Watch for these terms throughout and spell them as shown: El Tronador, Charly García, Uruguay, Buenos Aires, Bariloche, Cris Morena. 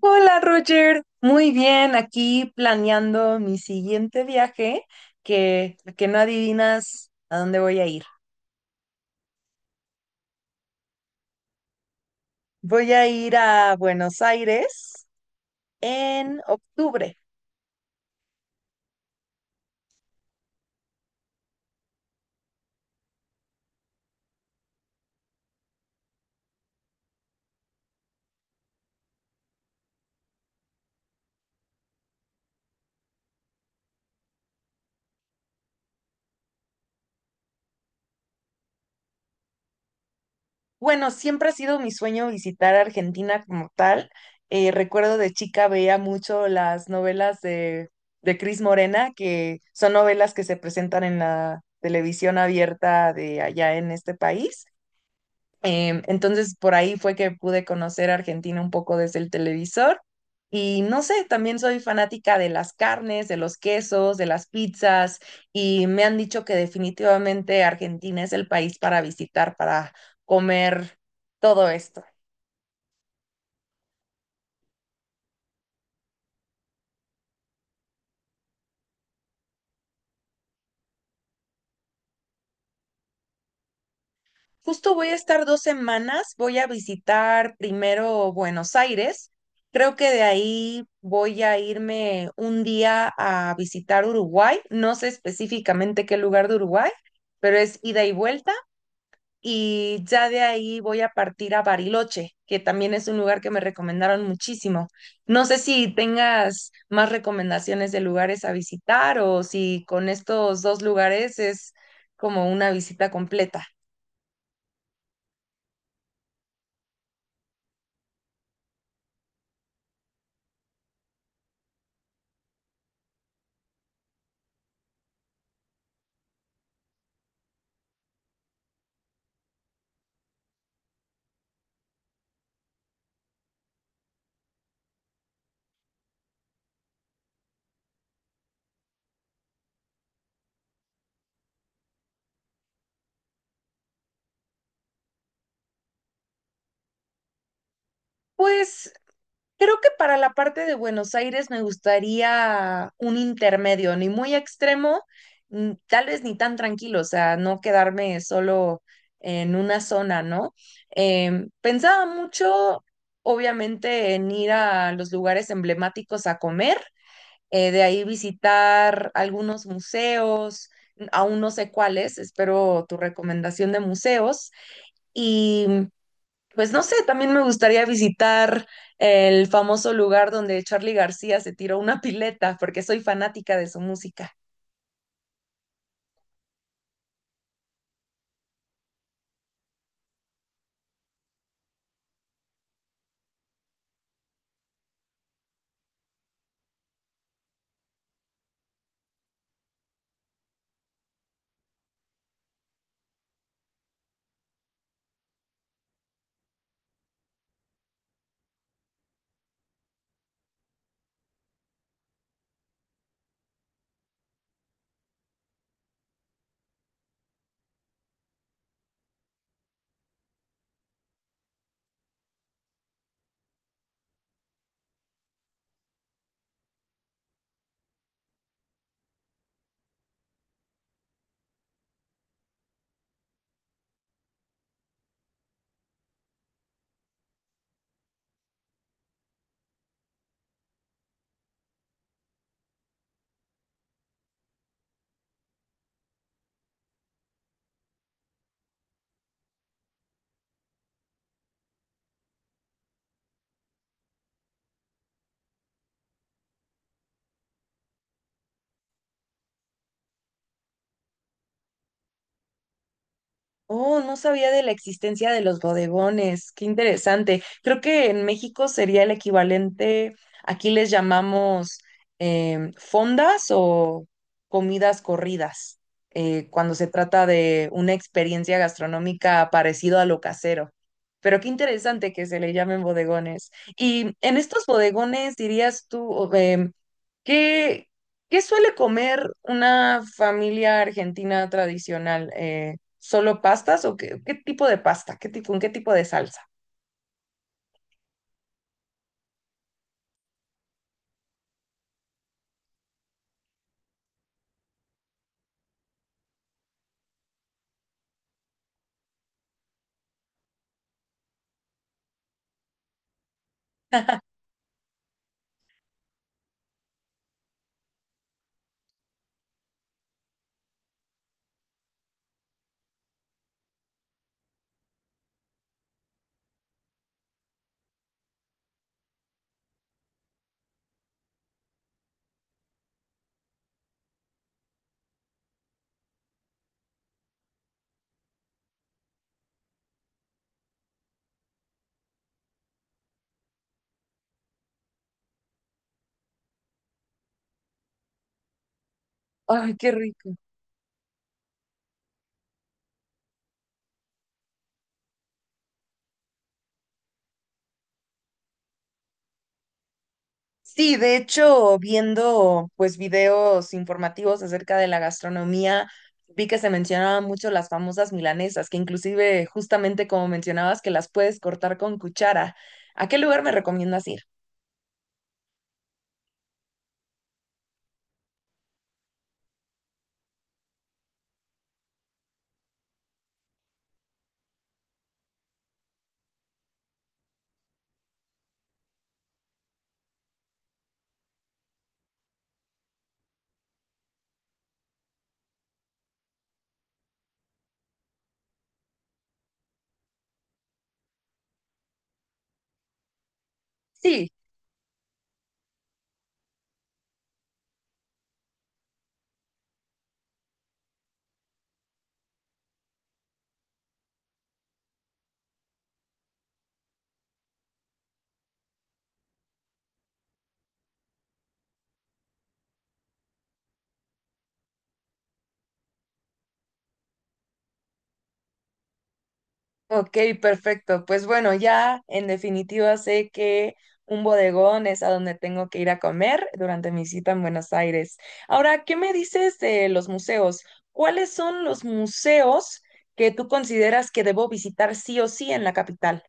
Hola Roger, muy bien, aquí planeando mi siguiente viaje, que no adivinas a dónde voy a ir. Voy a ir a Buenos Aires en octubre. Bueno, siempre ha sido mi sueño visitar Argentina como tal. Recuerdo de chica veía mucho las novelas de Cris Morena, que son novelas que se presentan en la televisión abierta de allá en este país. Entonces, por ahí fue que pude conocer Argentina un poco desde el televisor. Y no sé, también soy fanática de las carnes, de los quesos, de las pizzas, y me han dicho que definitivamente Argentina es el país para visitar, para comer todo esto. Justo voy a estar dos semanas, voy a visitar primero Buenos Aires, creo que de ahí voy a irme un día a visitar Uruguay, no sé específicamente qué lugar de Uruguay, pero es ida y vuelta y ya de ahí voy a partir a Bariloche, que también es un lugar que me recomendaron muchísimo. No sé si tengas más recomendaciones de lugares a visitar o si con estos dos lugares es como una visita completa. Pues creo que para la parte de Buenos Aires me gustaría un intermedio, ni muy extremo, tal vez ni tan tranquilo, o sea, no quedarme solo en una zona, ¿no? Pensaba mucho, obviamente, en ir a los lugares emblemáticos a comer, de ahí visitar algunos museos, aún no sé cuáles, espero tu recomendación de museos. Y pues no sé, también me gustaría visitar el famoso lugar donde Charly García se tiró una pileta, porque soy fanática de su música. Oh, no sabía de la existencia de los bodegones. Qué interesante. Creo que en México sería el equivalente, aquí les llamamos fondas o comidas corridas, cuando se trata de una experiencia gastronómica parecido a lo casero. Pero qué interesante que se le llamen bodegones. Y en estos bodegones, dirías tú, ¿qué, qué suele comer una familia argentina tradicional? ¿Solo pastas o qué tipo de pasta? ¿Qué tipo, con qué tipo de salsa? Ay, qué rico. Sí, de hecho, viendo pues videos informativos acerca de la gastronomía, vi que se mencionaban mucho las famosas milanesas, que inclusive justamente como mencionabas que las puedes cortar con cuchara. ¿A qué lugar me recomiendas ir? Sí. Ok, perfecto. Pues bueno, ya en definitiva sé que un bodegón es a donde tengo que ir a comer durante mi cita en Buenos Aires. Ahora, ¿qué me dices de los museos? ¿Cuáles son los museos que tú consideras que debo visitar sí o sí en la capital?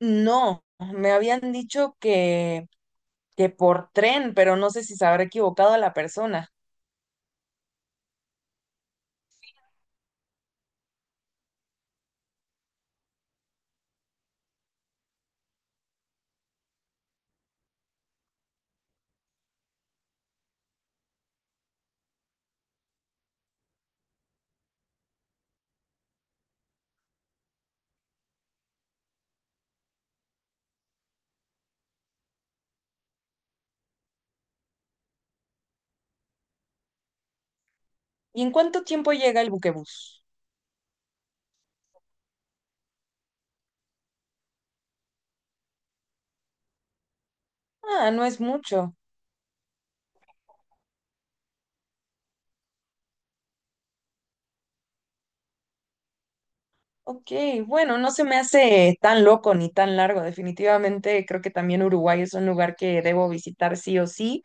No, me habían dicho que por tren, pero no sé si se habrá equivocado la persona. ¿Y en cuánto tiempo llega el buquebús? Ah, no es mucho. Ok, bueno, no se me hace tan loco ni tan largo. Definitivamente creo que también Uruguay es un lugar que debo visitar sí o sí.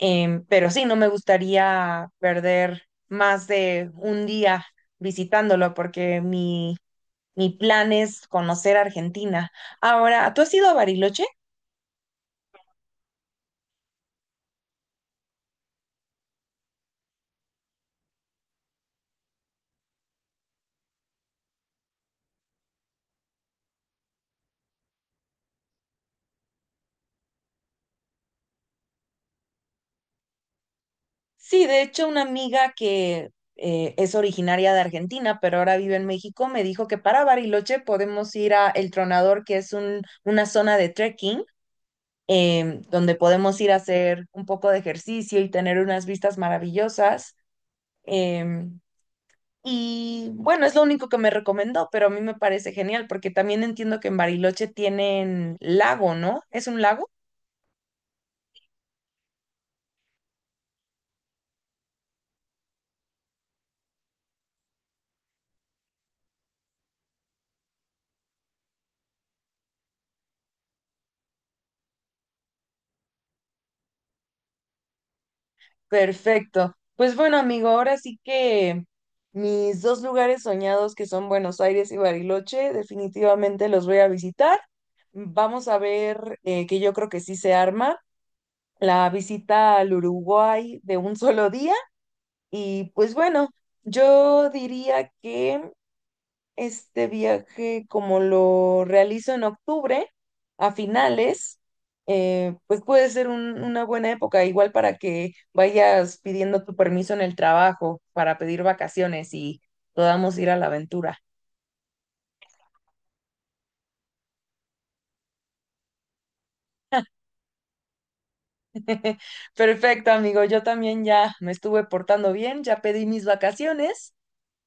Pero sí, no me gustaría perder más de un día visitándolo porque mi plan es conocer Argentina. Ahora, ¿tú has ido a Bariloche? Sí, de hecho, una amiga que es originaria de Argentina, pero ahora vive en México, me dijo que para Bariloche podemos ir a El Tronador, que es una zona de trekking, donde podemos ir a hacer un poco de ejercicio y tener unas vistas maravillosas. em, y bueno, es lo único que me recomendó, pero a mí me parece genial porque también entiendo que en Bariloche tienen lago, ¿no? ¿Es un lago? Perfecto. Pues bueno, amigo, ahora sí que mis dos lugares soñados, que son Buenos Aires y Bariloche, definitivamente los voy a visitar. Vamos a ver, que yo creo que sí se arma la visita al Uruguay de un solo día. Y pues bueno, yo diría que este viaje, como lo realizo en octubre, a finales, pues puede ser una buena época, igual para que vayas pidiendo tu permiso en el trabajo para pedir vacaciones y podamos ir a la aventura. Perfecto, amigo, yo también ya me estuve portando bien, ya pedí mis vacaciones.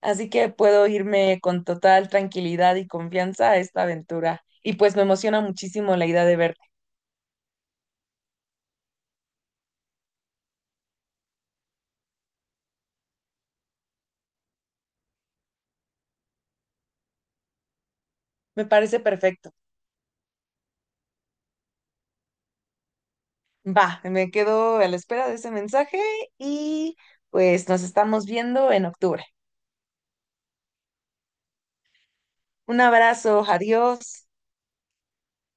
Así que puedo irme con total tranquilidad y confianza a esta aventura. Y pues me emociona muchísimo la idea de verte. Me parece perfecto. Va, me quedo a la espera de ese mensaje y pues nos estamos viendo en octubre. Un abrazo, adiós.